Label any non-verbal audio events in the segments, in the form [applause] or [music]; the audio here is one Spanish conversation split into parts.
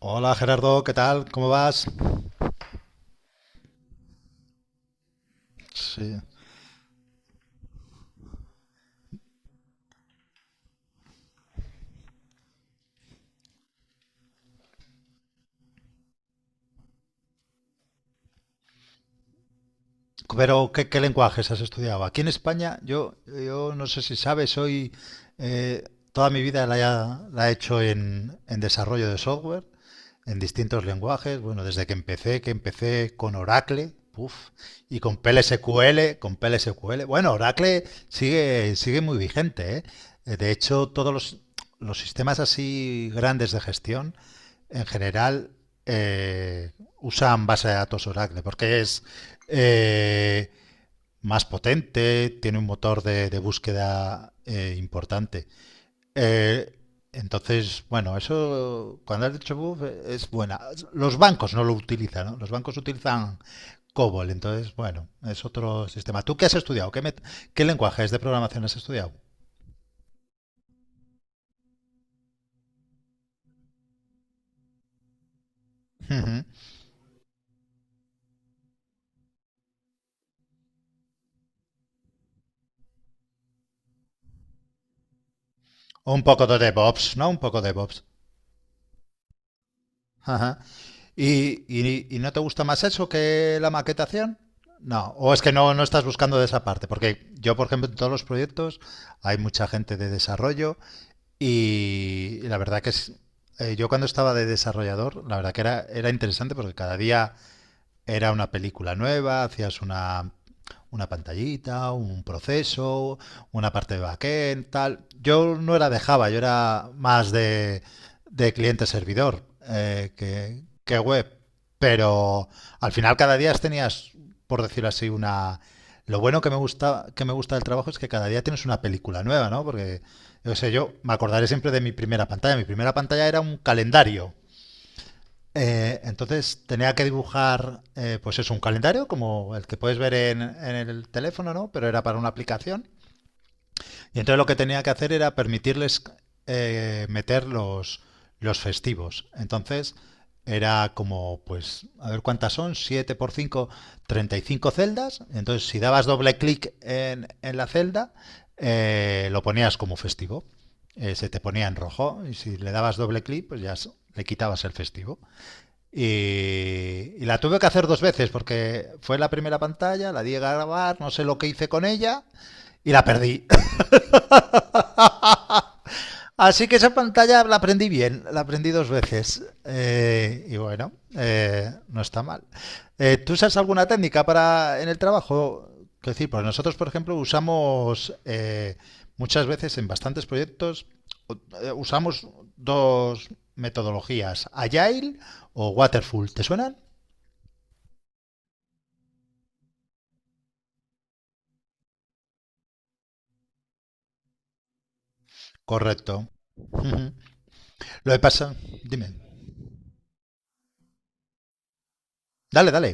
Hola Gerardo, ¿qué tal? ¿Cómo vas? Sí. Pero, ¿qué lenguajes has estudiado? Aquí en España, yo no sé si sabes, soy, eh, toda mi vida la he hecho en desarrollo de software, en distintos lenguajes. Bueno, desde que empecé con Oracle, puf, y con PLSQL, bueno, Oracle sigue muy vigente. ¿Eh? De hecho, todos los sistemas así grandes de gestión, en general, eh, usan base de datos Oracle, porque es eh, más potente, tiene un motor de búsqueda, importante. Eh, entonces, bueno, eso, cuando has dicho buff, es buena. Los bancos no lo utilizan, ¿no? Los bancos utilizan COBOL, entonces, bueno, es otro sistema. ¿Tú qué has estudiado? ¿Qué lenguajes de programación has estudiado? Ujú. Un poco de DevOps, ¿no? Un poco de DevOps. Ajá. ¿Y no te gusta más eso que la maquetación? No, o es que no estás buscando de esa parte, porque yo, por ejemplo, en todos los proyectos hay mucha gente de desarrollo y la verdad que yo cuando estaba de desarrollador, la verdad que era interesante porque cada día era una película nueva, hacías una pantallita, un proceso, una parte de backend, tal. Yo no era de Java, yo era más de cliente-servidor, que web. Pero al final cada día tenías, por decirlo así. Lo bueno que me gusta del trabajo es que cada día tienes una película nueva, ¿no? Porque, yo sé, yo me acordaré siempre de mi primera pantalla. Mi primera pantalla era un calendario, entonces tenía que dibujar, pues es un calendario como el que puedes ver en el teléfono, ¿no? Pero era para una aplicación. Y entonces lo que tenía que hacer era permitirles, meter los festivos. Entonces era como, pues, a ver cuántas son, 7 por cinco, 35 celdas. Entonces si dabas doble clic en la celda, lo ponías como festivo. Se te ponía en rojo y si le dabas doble clic, pues ya le quitabas el festivo. Y la tuve que hacer dos veces porque fue la primera pantalla, la di a grabar, no sé lo que hice con ella y la perdí. [clears throat] Así que esa pantalla la aprendí bien, la aprendí dos veces. Y bueno, no está mal. ¿Tú usas alguna técnica para en el trabajo? Quiero decir, pues nosotros, por ejemplo, usamos, muchas veces en bastantes proyectos, usamos dos metodologías, Agile o Waterfall. ¿Te suenan? Correcto. [laughs] Ujú. Lo que pasa, dime. Dale, dale.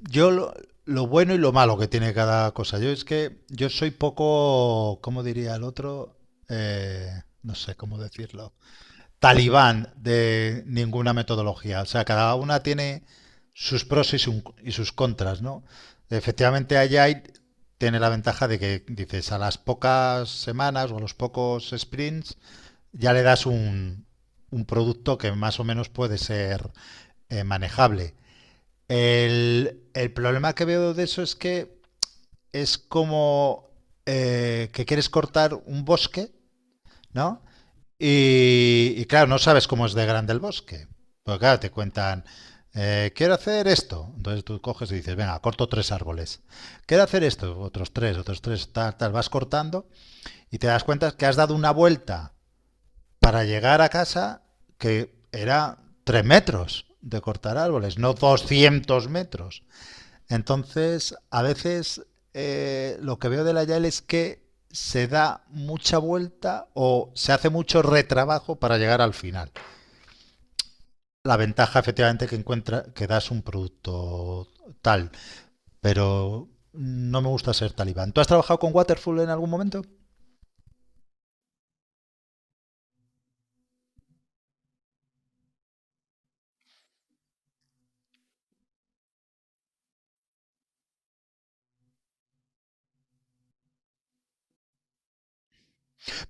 Yo lo bueno y lo malo que tiene cada cosa. Yo es que yo soy poco, ¿cómo diría el otro? Eh, no sé cómo decirlo. Talibán de ninguna metodología. O sea, cada una tiene sus pros y sus contras, ¿no? Efectivamente, Agile tiene la ventaja de que dices a las pocas semanas o a los pocos sprints ya le das un producto que más o menos puede ser, manejable. El problema que veo de eso es que es como, que quieres cortar un bosque, ¿no? Y, claro, no sabes cómo es de grande el bosque. Porque claro, te cuentan, quiero hacer esto. Entonces tú coges y dices, venga, corto tres árboles. Quiero hacer esto, otros tres, tal, tal. Vas cortando y te das cuenta que has dado una vuelta para llegar a casa, que era 3 metros de cortar árboles, no 200 metros. Entonces, a veces, lo que veo de la YAL es que se da mucha vuelta o se hace mucho retrabajo para llegar al final. La ventaja efectivamente que encuentra que das un producto tal, pero no me gusta ser talibán. ¿Tú has trabajado con Waterfall en algún momento?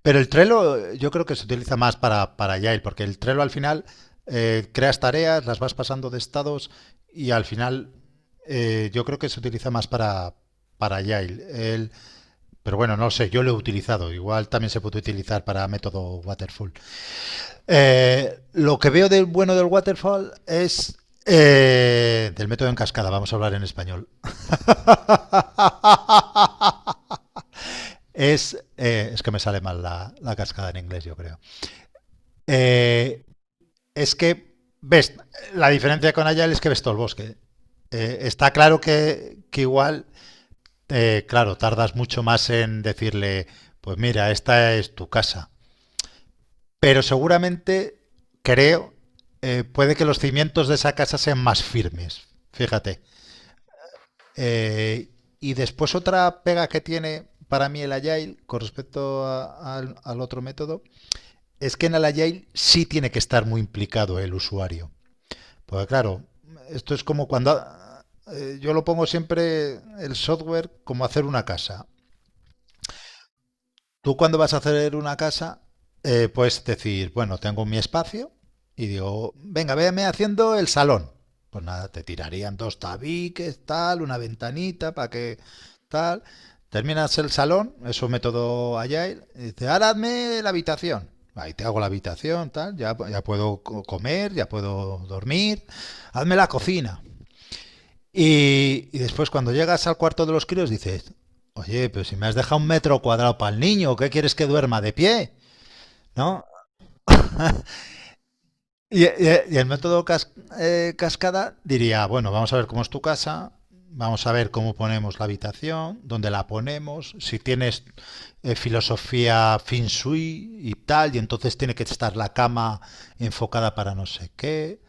Pero el Trello yo creo que se utiliza más para Agile, porque el Trello al final, creas tareas, las vas pasando de estados y al final, yo creo que se utiliza más para Agile. Pero bueno, no sé, yo lo he utilizado. Igual también se puede utilizar para método Waterfall. Lo que veo del bueno del Waterfall es, del método en cascada, vamos a hablar en español. [laughs] Es que me sale mal la cascada en inglés, yo creo. Eh, es que ves, la diferencia con Agile es que ves todo el bosque. Está claro que, igual, claro, tardas mucho más en decirle, pues mira, esta es tu casa. Pero seguramente, creo, puede que los cimientos de esa casa sean más firmes. Fíjate. Eh, y después otra pega que tiene para mí el Agile con respecto al otro método es que en el Agile sí tiene que estar muy implicado el usuario. Pues claro, esto es como yo lo pongo siempre el software como hacer una casa. Tú cuando vas a hacer una casa, puedes decir, bueno, tengo mi espacio y digo, venga, véame haciendo el salón. Pues nada, te tirarían dos tabiques, tal, una ventanita para que tal. Terminas el salón, es un método Agile, y dice, ahora hazme la habitación. Ahí te hago la habitación, tal, ya, ya puedo comer, ya puedo dormir. Hazme la cocina. Y después cuando llegas al cuarto de los críos dices, oye, pero si me has dejado 1 metro cuadrado para el niño, ¿qué quieres que duerma de pie? ¿No? Y, y- y el método cascada diría, bueno, vamos a ver cómo es tu casa, vamos a ver cómo ponemos la habitación, dónde la ponemos, si tienes, filosofía feng shui y tal, y entonces tiene que estar la cama enfocada para no sé qué.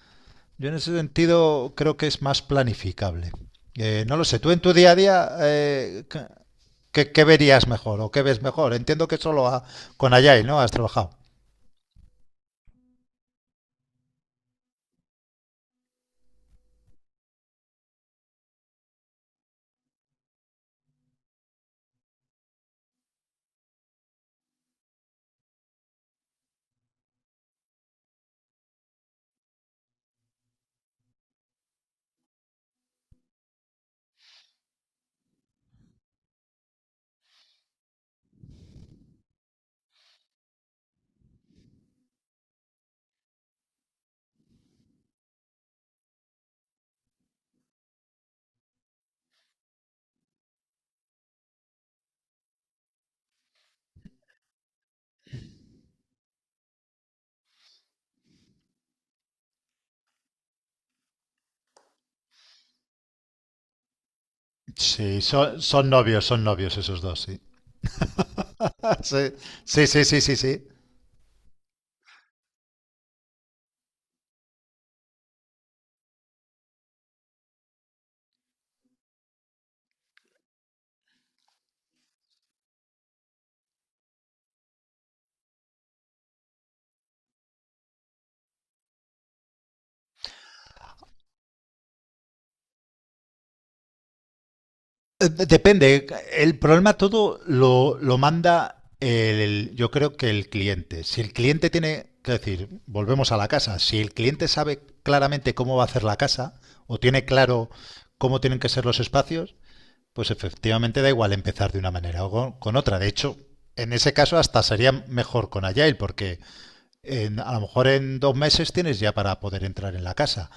Yo en ese sentido creo que es más planificable. No lo sé, tú en tu día a día, ¿qué verías mejor o qué ves mejor? Entiendo que solo con Ayay, ¿no? Has trabajado. Sí, son novios, son novios esos dos, sí. [laughs] Sí, sí, sí, sí, sí. Sí. Depende. El problema todo lo manda el, yo creo que el cliente. Si el cliente tiene, que decir, volvemos a la casa. Si el cliente sabe claramente cómo va a hacer la casa o tiene claro cómo tienen que ser los espacios, pues efectivamente da igual empezar de una manera o con otra. De hecho, en ese caso hasta sería mejor con Agile porque a lo mejor en 2 meses tienes ya para poder entrar en la casa.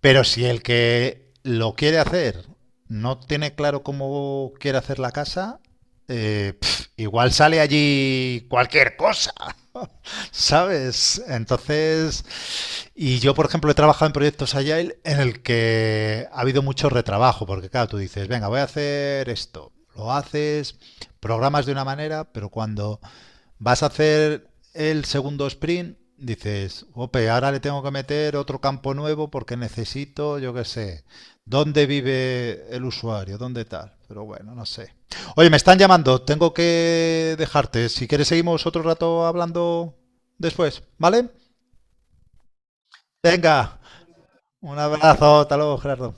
Pero si el que lo quiere hacer no tiene claro cómo quiere hacer la casa, igual sale allí cualquier cosa, [laughs] ¿sabes? Entonces, y yo, por ejemplo, he trabajado en proyectos Agile en el que ha habido mucho retrabajo, porque claro, tú dices, venga, voy a hacer esto, lo haces, programas de una manera, pero cuando vas a hacer el segundo sprint, dices, ope, ahora le tengo que meter otro campo nuevo porque necesito, yo qué sé, dónde vive el usuario, dónde tal. Pero bueno, no sé. Oye, me están llamando, tengo que dejarte. Si quieres, seguimos otro rato hablando después, ¿vale? Venga. Un abrazo, hasta luego, Gerardo.